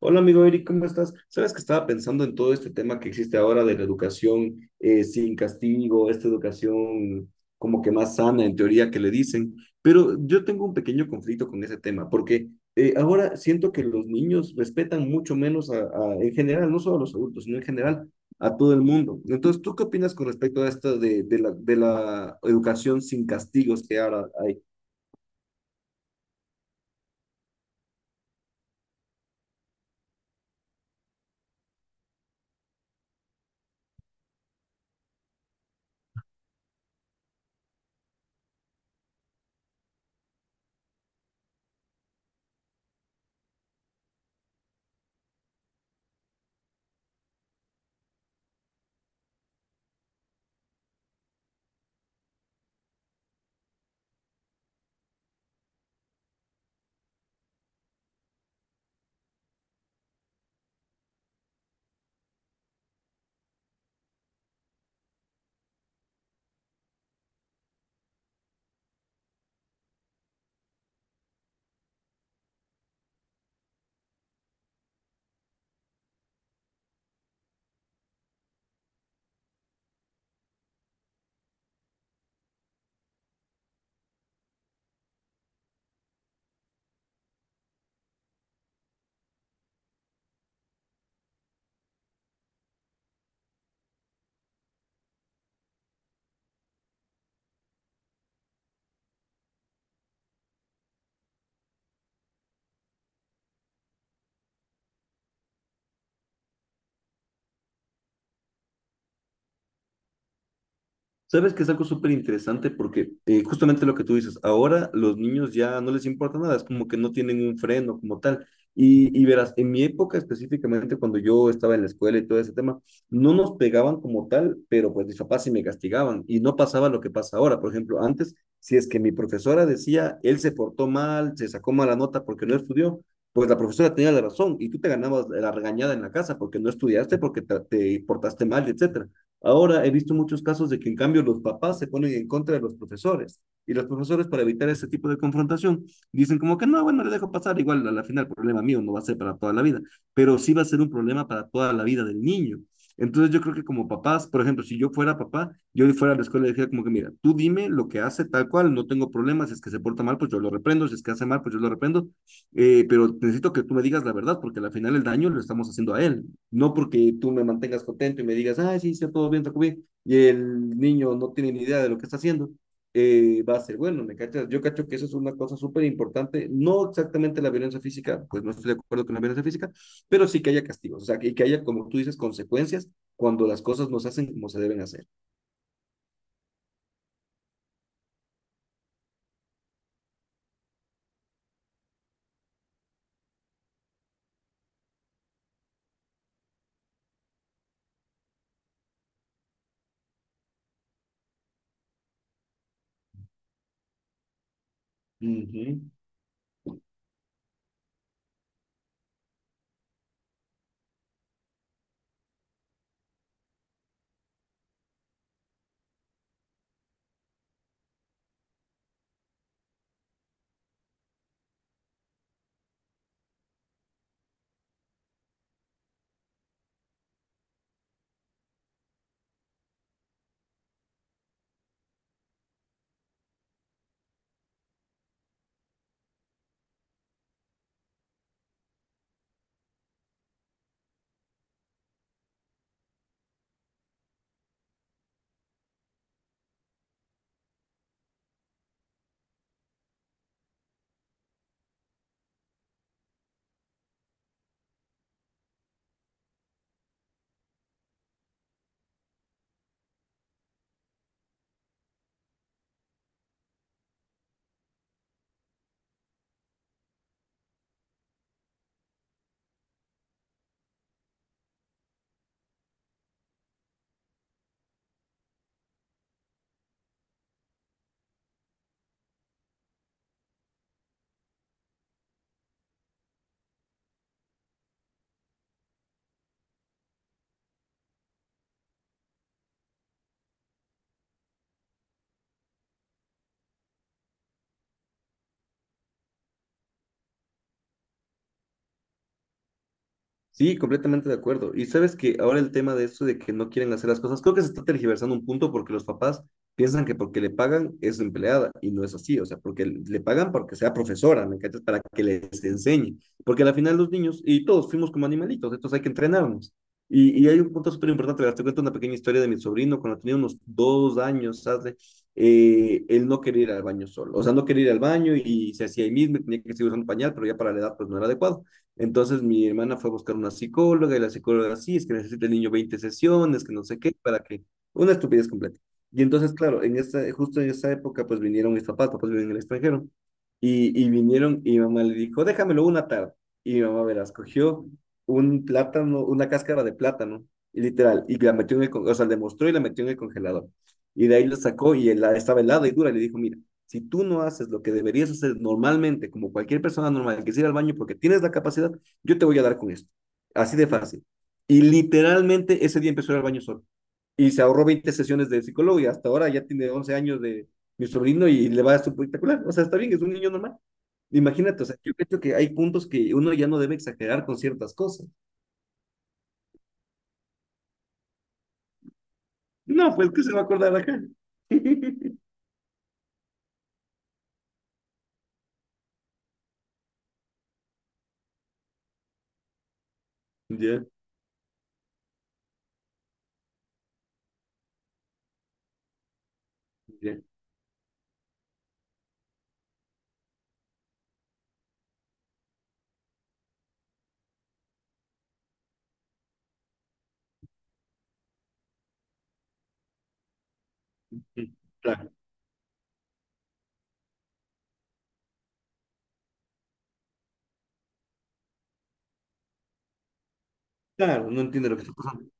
Hola amigo Eric, ¿cómo estás? Sabes que estaba pensando en todo este tema que existe ahora de la educación sin castigo, esta educación como que más sana en teoría que le dicen, pero yo tengo un pequeño conflicto con ese tema porque ahora siento que los niños respetan mucho menos a en general, no solo a los adultos, sino en general a todo el mundo. Entonces, ¿tú qué opinas con respecto a esto de la educación sin castigos que ahora hay? Sabes que es algo súper interesante porque justamente lo que tú dices, ahora los niños ya no les importa nada, es como que no tienen un freno como tal. Y verás, en mi época específicamente, cuando yo estaba en la escuela y todo ese tema, no nos pegaban como tal, pero pues mis papás sí me castigaban y no pasaba lo que pasa ahora. Por ejemplo, antes, si es que mi profesora decía, él se portó mal, se sacó mala nota porque no estudió, pues la profesora tenía la razón y tú te ganabas la regañada en la casa porque no estudiaste, porque te portaste mal, etcétera. Ahora he visto muchos casos de que en cambio los papás se ponen en contra de los profesores y los profesores para evitar ese tipo de confrontación dicen como que no, bueno, le dejo pasar, igual a la final problema mío no va a ser para toda la vida, pero sí va a ser un problema para toda la vida del niño. Entonces yo creo que como papás, por ejemplo, si yo fuera papá, yo fuera a la escuela y diría como que mira, tú dime lo que hace tal cual, no tengo problemas, si es que se porta mal, pues yo lo reprendo, si es que hace mal, pues yo lo reprendo, pero necesito que tú me digas la verdad, porque al final el daño lo estamos haciendo a él, no porque tú me mantengas contento y me digas, ah, sí, está todo bien, y el niño no tiene ni idea de lo que está haciendo, va a ser bueno, ¿me cachas? Yo cacho que eso es una cosa súper importante, no exactamente la violencia física, pues no estoy de acuerdo con la violencia física, pero sí que haya castigos, o sea, que haya, como tú dices, consecuencias cuando las cosas no se hacen como se deben hacer. Ujú. Sí, completamente de acuerdo. Y sabes que ahora el tema de eso de que no quieren hacer las cosas, creo que se está tergiversando un punto porque los papás piensan que porque le pagan es empleada y no es así, o sea, porque le pagan porque sea profesora, ¿me cachas? Para que les enseñe. Porque al final los niños y todos fuimos como animalitos, entonces hay que entrenarnos. Y hay un punto súper importante, verás, te cuento una pequeña historia de mi sobrino cuando tenía unos 2 años, ¿sabes? Él no quería ir al baño solo, o sea, no quería ir al baño y se hacía ahí mismo, tenía que seguir usando pañal, pero ya para la edad pues no era adecuado. Entonces mi hermana fue a buscar una psicóloga y la psicóloga, sí, es que necesita el niño 20 sesiones, que no sé qué, para que… Una estupidez completa. Y entonces, claro, en esta, justo en esa época, pues vinieron mis papás, papás viven en el extranjero, y vinieron y mi mamá le dijo, déjamelo una tarde. Y mi mamá, verás, cogió un plátano, una cáscara de plátano, y literal, y la metió en el, o sea, le mostró y la metió en el congelador. Y de ahí lo sacó y él, estaba helada y dura, y le dijo, mira, si tú no haces lo que deberías hacer normalmente, como cualquier persona normal que es ir al baño porque tienes la capacidad, yo te voy a dar con esto. Así de fácil. Y literalmente ese día empezó a ir al baño solo. Y se ahorró 20 sesiones de psicólogo y hasta ahora ya tiene 11 años de mi sobrino y le va espectacular. O sea, está bien, es un niño normal. Imagínate, o sea, yo creo que hay puntos que uno ya no debe exagerar con ciertas cosas. No, pues qué se va a acordar acá. Ya, ya. Claro, claro, no entiende lo que está pasando.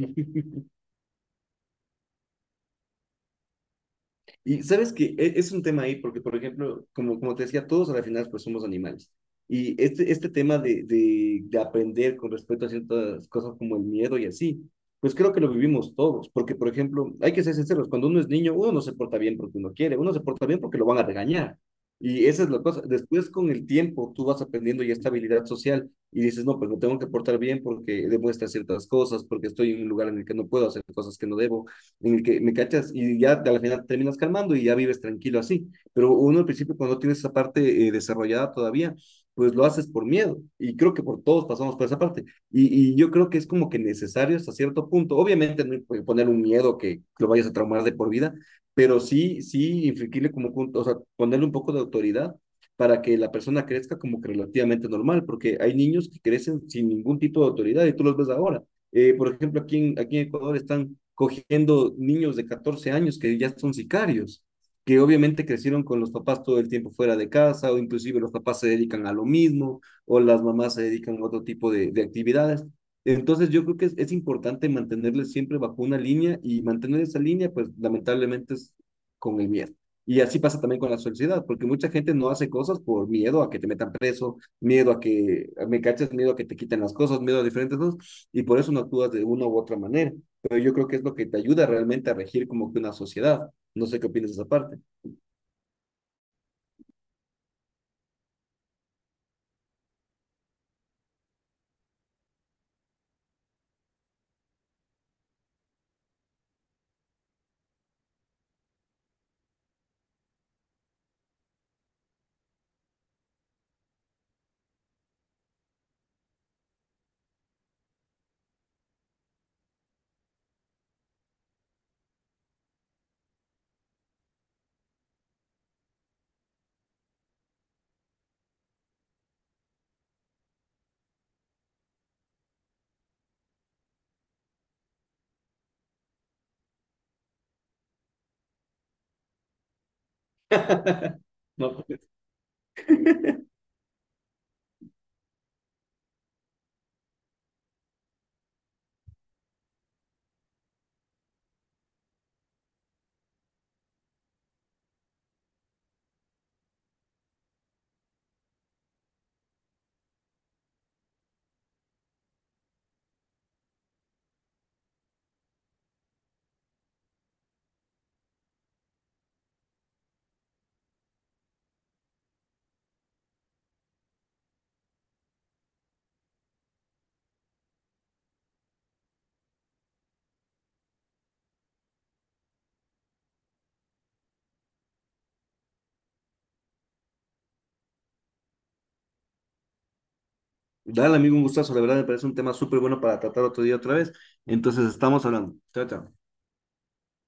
Y sabes que es un tema ahí, porque, por ejemplo, como te decía, todos a la final pues somos animales. Y este tema de aprender con respecto a ciertas cosas como el miedo y así, pues creo que lo vivimos todos, porque, por ejemplo, hay que ser sinceros, cuando uno es niño, uno no se porta bien porque uno quiere, uno se porta bien porque lo van a regañar. Y esa es la cosa. Después, con el tiempo, tú vas aprendiendo ya esta habilidad social y dices, no, pues me tengo que portar bien porque demuestra ciertas cosas, porque estoy en un lugar en el que no puedo hacer cosas que no debo en el que me cachas y ya al final terminas calmando y ya vives tranquilo así. Pero uno al principio cuando no tienes esa parte desarrollada todavía, pues lo haces por miedo. Y creo que por todos pasamos por esa parte. Y yo creo que es como que necesario hasta cierto punto. Obviamente no poner un miedo que lo vayas a traumar de por vida, pero sí, sí, infligirle como, o sea, ponerle un poco de autoridad para que la persona crezca como que relativamente normal, porque hay niños que crecen sin ningún tipo de autoridad y tú los ves ahora. Por ejemplo, aquí en Ecuador están cogiendo niños de 14 años que ya son sicarios, que obviamente crecieron con los papás todo el tiempo fuera de casa, o inclusive los papás se dedican a lo mismo, o las mamás se dedican a otro tipo de actividades. Entonces yo creo que es importante mantenerles siempre bajo una línea y mantener esa línea, pues lamentablemente es con el miedo. Y así pasa también con la sociedad, porque mucha gente no hace cosas por miedo a que te metan preso, miedo a que me caches, miedo a que te quiten las cosas, miedo a diferentes cosas y por eso no actúas de una u otra manera. Pero yo creo que es lo que te ayuda realmente a regir como que una sociedad. No sé qué opinas de esa parte. No, dale, amigo, un gustazo. La verdad me parece un tema súper bueno para tratar otro día otra vez. Entonces, estamos hablando. Chao, chao.